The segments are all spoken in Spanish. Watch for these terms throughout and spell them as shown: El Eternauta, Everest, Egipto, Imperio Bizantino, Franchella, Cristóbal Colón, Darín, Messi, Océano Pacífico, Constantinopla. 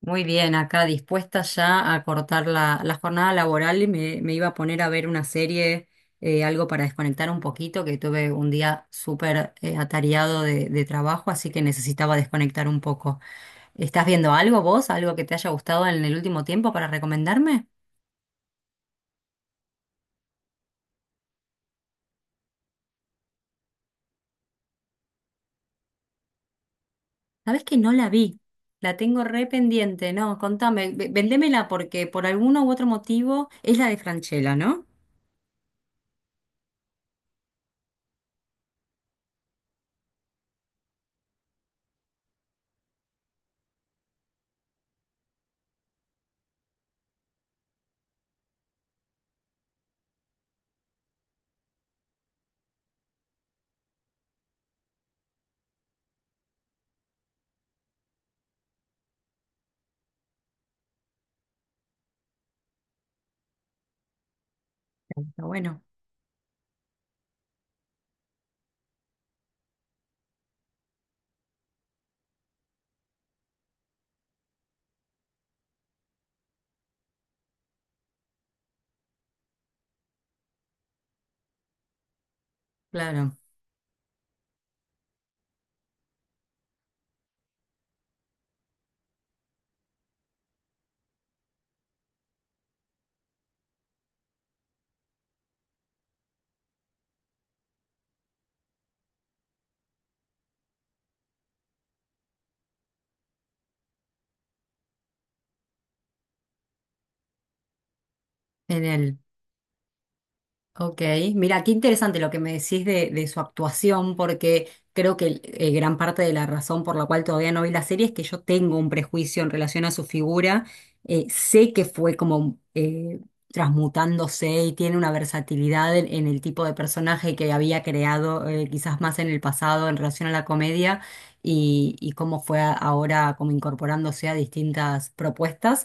Muy bien, acá dispuesta ya a cortar la jornada laboral y me iba a poner a ver una serie, algo para desconectar un poquito, que tuve un día súper atareado de trabajo, así que necesitaba desconectar un poco. ¿Estás viendo algo vos, algo que te haya gustado en el último tiempo para recomendarme? Sabes que no la vi, la tengo re pendiente, no, contame, vendémela porque por alguno u otro motivo es la de Franchella, ¿no? Está bueno, claro, en él. Ok, mira, qué interesante lo que me decís de su actuación, porque creo que gran parte de la razón por la cual todavía no vi la serie es que yo tengo un prejuicio en relación a su figura. Sé que fue como transmutándose y tiene una versatilidad en el tipo de personaje que había creado quizás más en el pasado en relación a la comedia y cómo fue ahora como incorporándose a distintas propuestas.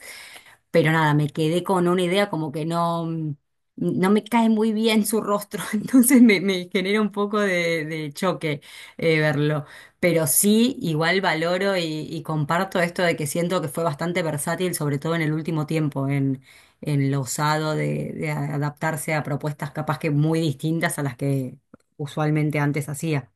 Pero nada, me quedé con una idea como que no, no me cae muy bien su rostro, entonces me genera un poco de choque verlo. Pero sí, igual valoro y comparto esto de que siento que fue bastante versátil, sobre todo en el último tiempo, en lo usado de adaptarse a propuestas capaz que muy distintas a las que usualmente antes hacía.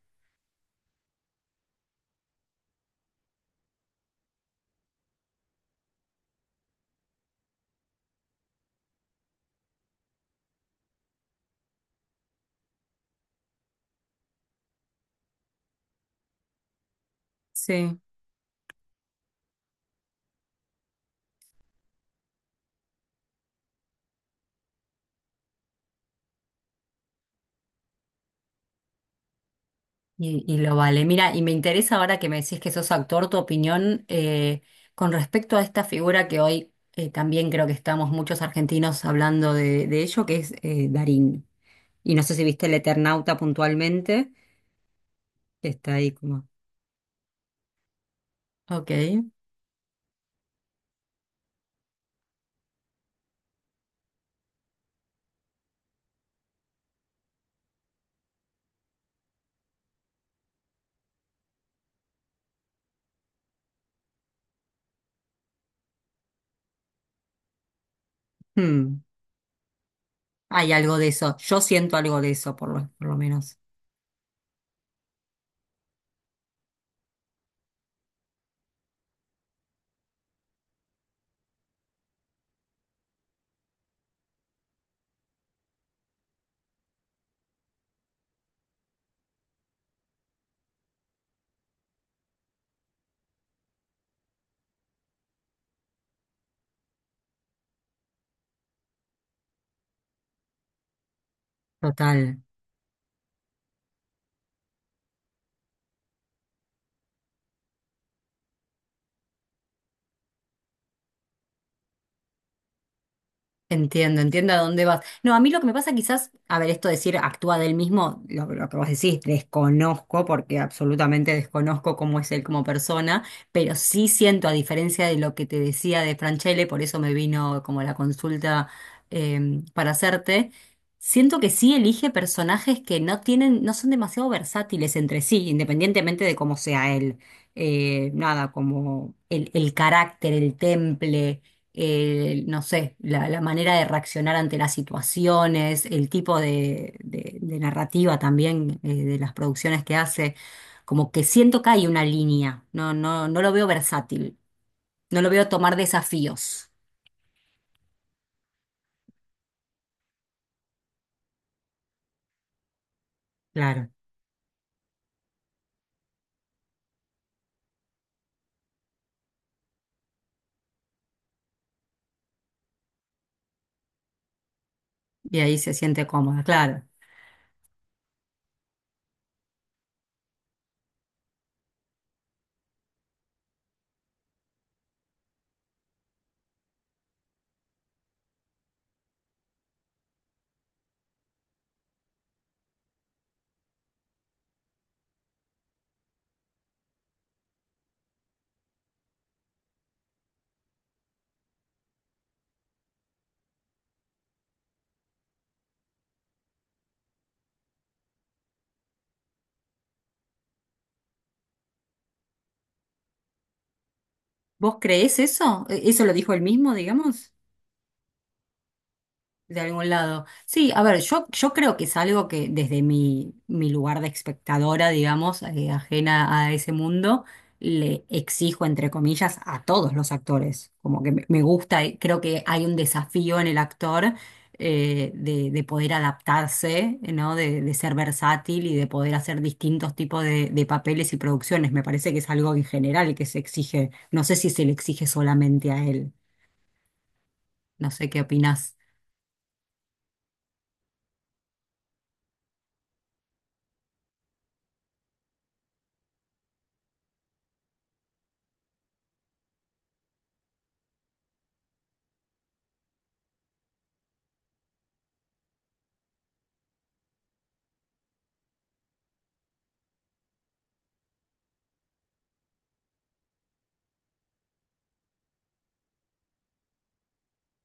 Sí. Y lo vale. Mira, y me interesa ahora que me decís que sos actor, tu opinión con respecto a esta figura que hoy también creo que estamos muchos argentinos hablando de ello, que es Darín. Y no sé si viste El Eternauta puntualmente, que está ahí como, ok, hmm, hay algo de eso, yo siento algo de eso por lo menos. Total. Entiendo, entiendo a dónde vas. No, a mí lo que me pasa quizás, a ver, esto de decir actúa del mismo, lo que vos decís, desconozco, porque absolutamente desconozco cómo es él como persona, pero sí siento, a diferencia de lo que te decía de Franchelle, por eso me vino como la consulta para hacerte, siento que sí elige personajes que no tienen, no son demasiado versátiles entre sí, independientemente de cómo sea él. Nada, como el carácter, el temple no sé, la manera de reaccionar ante las situaciones, el tipo de, de narrativa también de las producciones que hace, como que siento que hay una línea, no, no, no lo veo versátil, no lo veo tomar desafíos. Claro. Y ahí se siente cómoda, claro. ¿Vos creés eso? Eso lo dijo él mismo, digamos? De algún lado. Sí, a ver, yo creo que es algo que desde mi, mi lugar de espectadora, digamos, ajena a ese mundo, le exijo, entre comillas, a todos los actores. Como que me gusta, creo que hay un desafío en el actor de poder adaptarse, ¿no? De ser versátil y de poder hacer distintos tipos de papeles y producciones. Me parece que es algo en general que se exige. No sé si se le exige solamente a él. No sé qué opinas,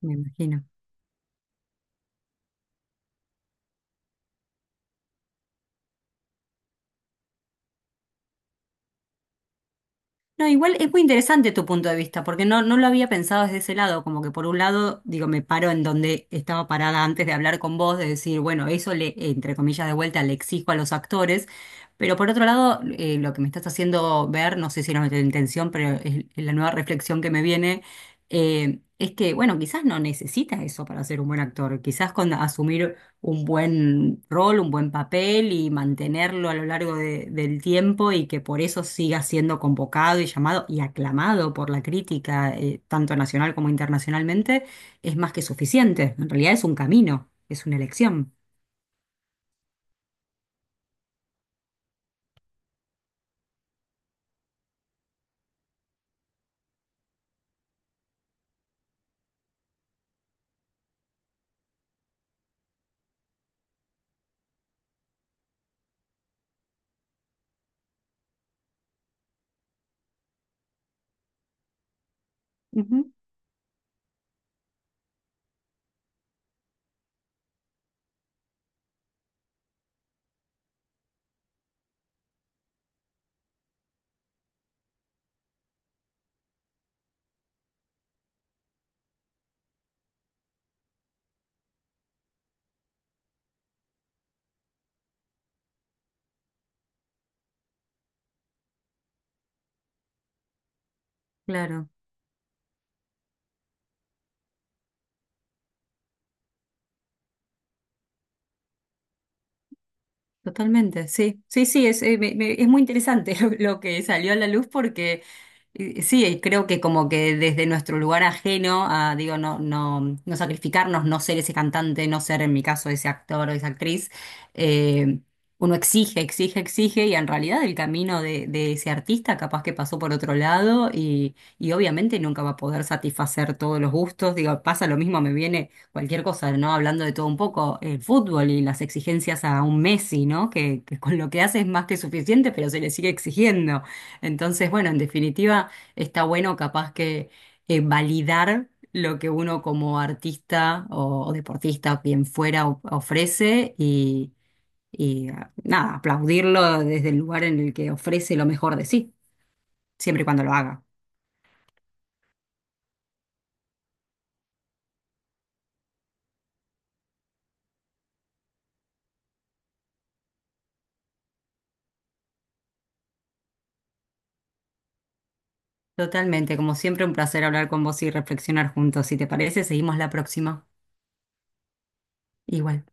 me imagino. No, igual es muy interesante tu punto de vista, porque no, no lo había pensado desde ese lado, como que por un lado, digo, me paro en donde estaba parada antes de hablar con vos, de decir, bueno, eso le, entre comillas, de vuelta le exijo a los actores, pero por otro lado, lo que me estás haciendo ver, no sé si era nuestra intención, pero es la nueva reflexión que me viene, es que, bueno, quizás no necesita eso para ser un buen actor, quizás con asumir un buen rol, un buen papel y mantenerlo a lo largo del tiempo y que por eso siga siendo convocado y llamado y aclamado por la crítica, tanto nacional como internacionalmente, es más que suficiente. En realidad es un camino, es una elección. Ujú, claro. Totalmente, sí, sí, sí, es, es muy interesante lo que salió a la luz porque sí, creo que como que desde nuestro lugar ajeno a, digo, no, no, no sacrificarnos, no ser ese cantante, no ser en mi caso ese actor o esa actriz, eh, uno exige, exige, exige y en realidad el camino de ese artista capaz que pasó por otro lado y obviamente nunca va a poder satisfacer todos los gustos, digo, pasa lo mismo, me viene cualquier cosa, ¿no? Hablando de todo un poco, el fútbol y las exigencias a un Messi, ¿no? Que con lo que hace es más que suficiente, pero se le sigue exigiendo. Entonces, bueno, en definitiva, está bueno capaz que validar lo que uno como artista o deportista, o quien fuera, ofrece y ah, nada, aplaudirlo desde el lugar en el que ofrece lo mejor de sí, siempre y cuando lo haga. Totalmente, como siempre, un placer hablar con vos y reflexionar juntos. Si te parece, seguimos la próxima. Igual.